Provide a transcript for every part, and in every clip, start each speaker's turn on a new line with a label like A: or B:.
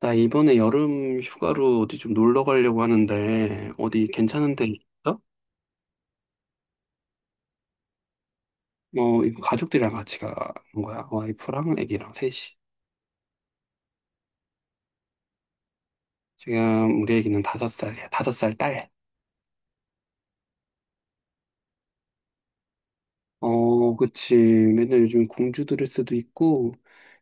A: 나 이번에 여름 휴가로 어디 좀 놀러 가려고 하는데, 어디 괜찮은 데 있어? 어, 이거 가족들이랑 같이 가는 거야. 와이프랑 애기랑 셋이. 지금 우리 애기는 다섯 살이야. 다섯 살 딸. 어, 그치. 맨날 요즘 공주 드레스도 있고,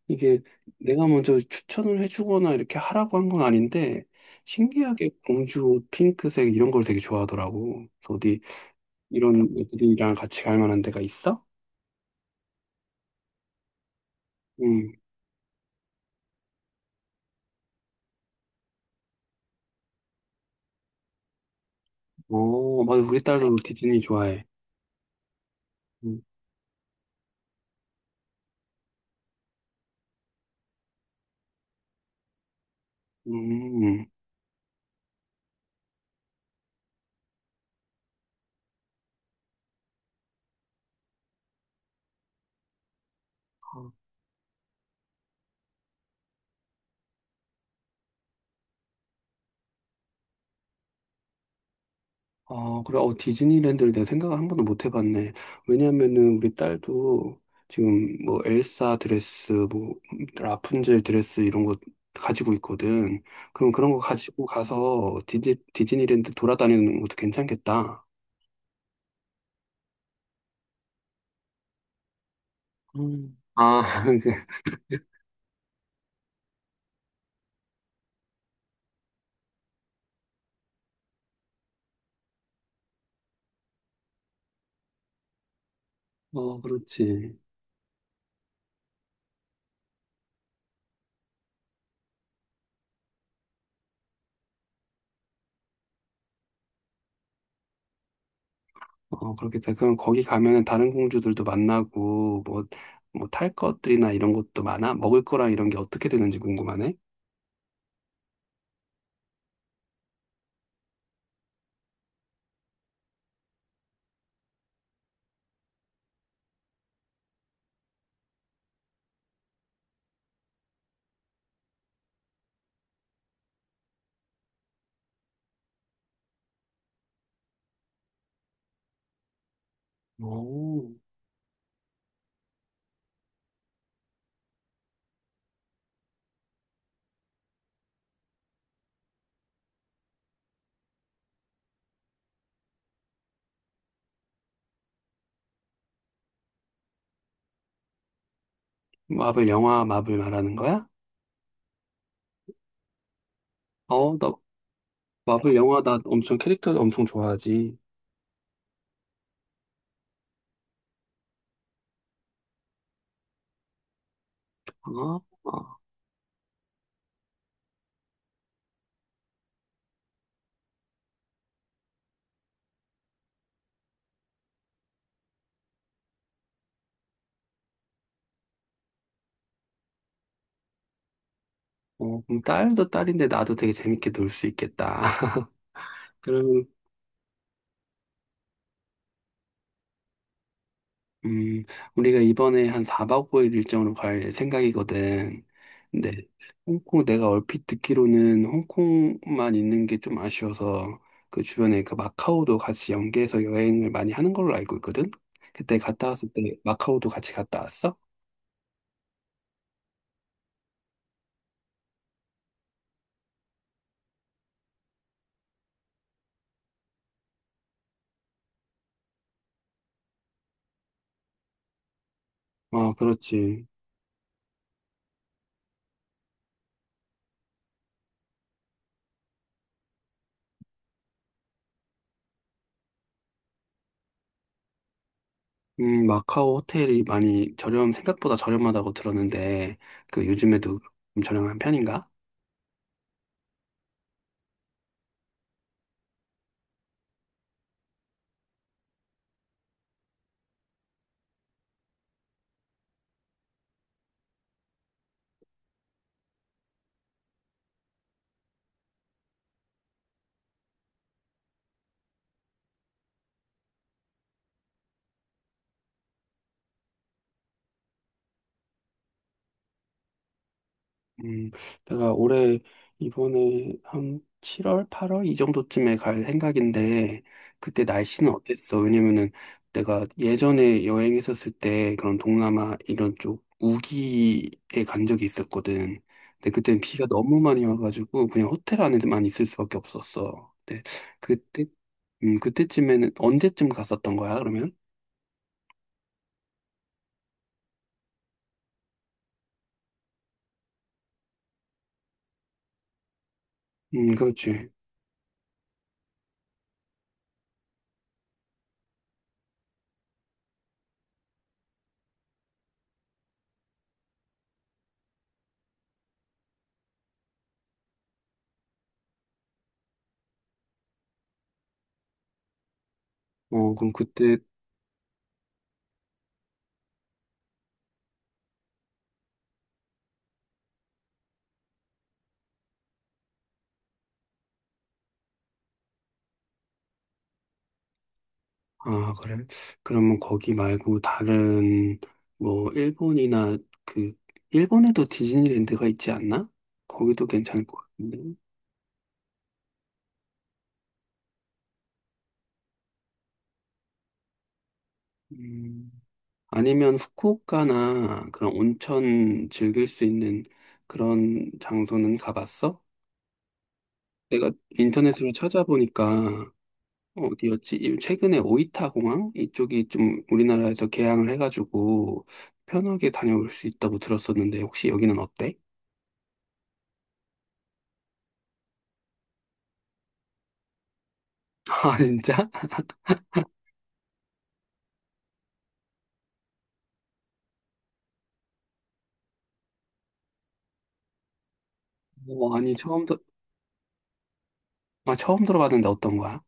A: 이게 내가 먼저 추천을 해주거나 이렇게 하라고 한 건 아닌데, 신기하게 공주 옷, 핑크색 이런 걸 되게 좋아하더라고. 그래서 어디 이런 애들이랑 같이 갈 만한 데가 있어? 응. 어, 맞아. 우리 딸도 디즈니 좋아해. 음, 음. 아, 아, 그래. 어, 디즈니랜드를 내가 생각을 한 번도 못 해봤네. 왜냐면은 우리 딸도 지금 뭐 엘사 드레스, 뭐 라푼젤 드레스 이런 거 가지고 있거든. 그럼 그런 거 가지고 가서 디즈니랜드 돌아다니는 것도 괜찮겠다. 음. 아, 어, 그렇지. 어, 그렇겠다. 그럼 거기 가면은 다른 공주들도 만나고, 뭐, 뭐 탈 것들이나 이런 것도 많아? 먹을 거랑 이런 게 어떻게 되는지 궁금하네? 오. 마블 영화 마블 말하는 거야? 어, 나 마블 영화 나 엄청 캐릭터 엄청 좋아하지. 어, 어, 어, 그럼 딸도 딸인데 나도 되게 재밌게 놀 수 있겠다. 그러면 음, 우리가 이번에 한 4박 5일 일정으로 갈 생각이거든. 근데 홍콩 내가 얼핏 듣기로는 홍콩만 있는 게 좀 아쉬워서 그 주변에 그 마카오도 같이 연계해서 여행을 많이 하는 걸로 알고 있거든. 그때 갔다 왔을 때 마카오도 같이 갔다 왔어? 어, 그렇지. 마카오 호텔이 많이 저렴, 생각보다 저렴하다고 들었는데, 그 요즘에도 좀 저렴한 편인가? 음, 내가 올해 이번에 한 7월, 8월 이 정도쯤에 갈 생각인데 그때 날씨는 어땠어? 왜냐면은 내가 예전에 여행했었을 때 그런 동남아 이런 쪽 우기에 간 적이 있었거든. 근데 그때는 비가 너무 많이 와가지고 그냥 호텔 안에만 있을 수밖에 없었어. 근데 그때 그때쯤에는 언제쯤 갔었던 거야, 그러면? 그렇지. 어, 그럼 그때 아, 그래? 그러면 거기 말고 다른, 뭐, 일본이나 그, 일본에도 디즈니랜드가 있지 않나? 거기도 괜찮을 것 같은데. 음, 아니면 후쿠오카나 그런 온천 즐길 수 있는 그런 장소는 가봤어? 내가 인터넷으로 찾아보니까 어디였지? 이- 최근에 오이타 공항? 이쪽이 좀 우리나라에서 개항을 해가지고 편하게 다녀올 수 있다고 들었었는데 혹시 여기는 어때? 아, 진짜? 어, 아니 아, 처음 들어봤는데 어떤 거야?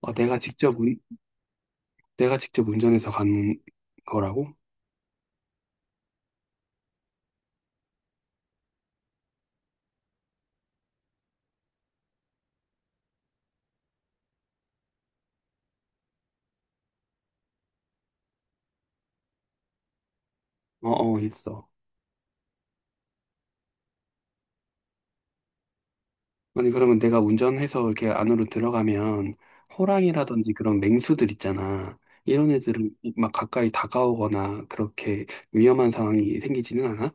A: 어, 내가 직접 운전해서 가는 거라고? 어, 어, 있어. 아니 그러면 내가 운전해서 이렇게 안으로 들어가면 호랑이라든지 그런 맹수들 있잖아. 이런 애들은 막 가까이 다가오거나 그렇게 위험한 상황이 생기지는 않아?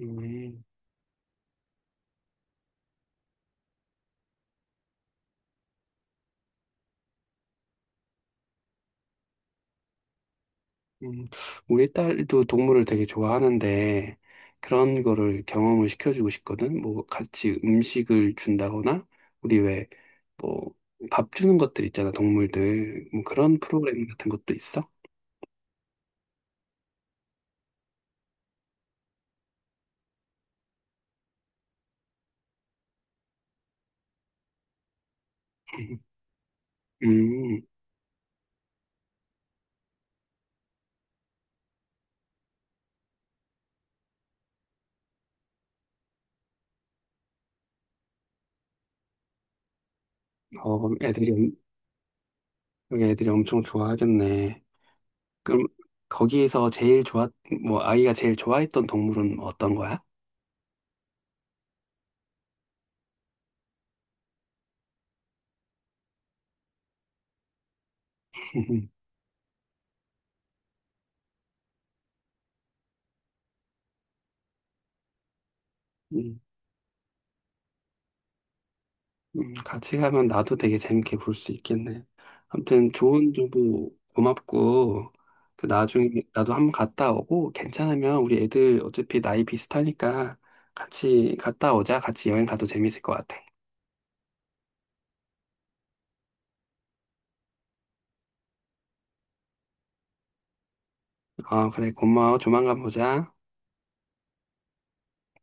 A: 음, 음. 우리 딸도 동물을 되게 좋아하는데 그런 거를 경험을 시켜주고 싶거든. 뭐 같이 음식을 준다거나 우리 왜 뭐, 밥 주는 것들 있잖아, 동물들. 뭐 그런 프로그램 같은 것도 있어? 음, 어, 그럼 여기 애들이 엄청 좋아하겠네. 그럼 거기에서 뭐, 아이가 제일 좋아했던 동물은 어떤 거야? 음, 같이 가면 나도 되게 재밌게 볼 수 있겠네. 아무튼 좋은 정보 고맙고, 그 나중에 나도 한번 갔다 오고, 괜찮으면 우리 애들 어차피 나이 비슷하니까 같이 갔다 오자. 같이 여행 가도 재밌을 것 같아. 아, 그래, 고마워. 조만간 보자.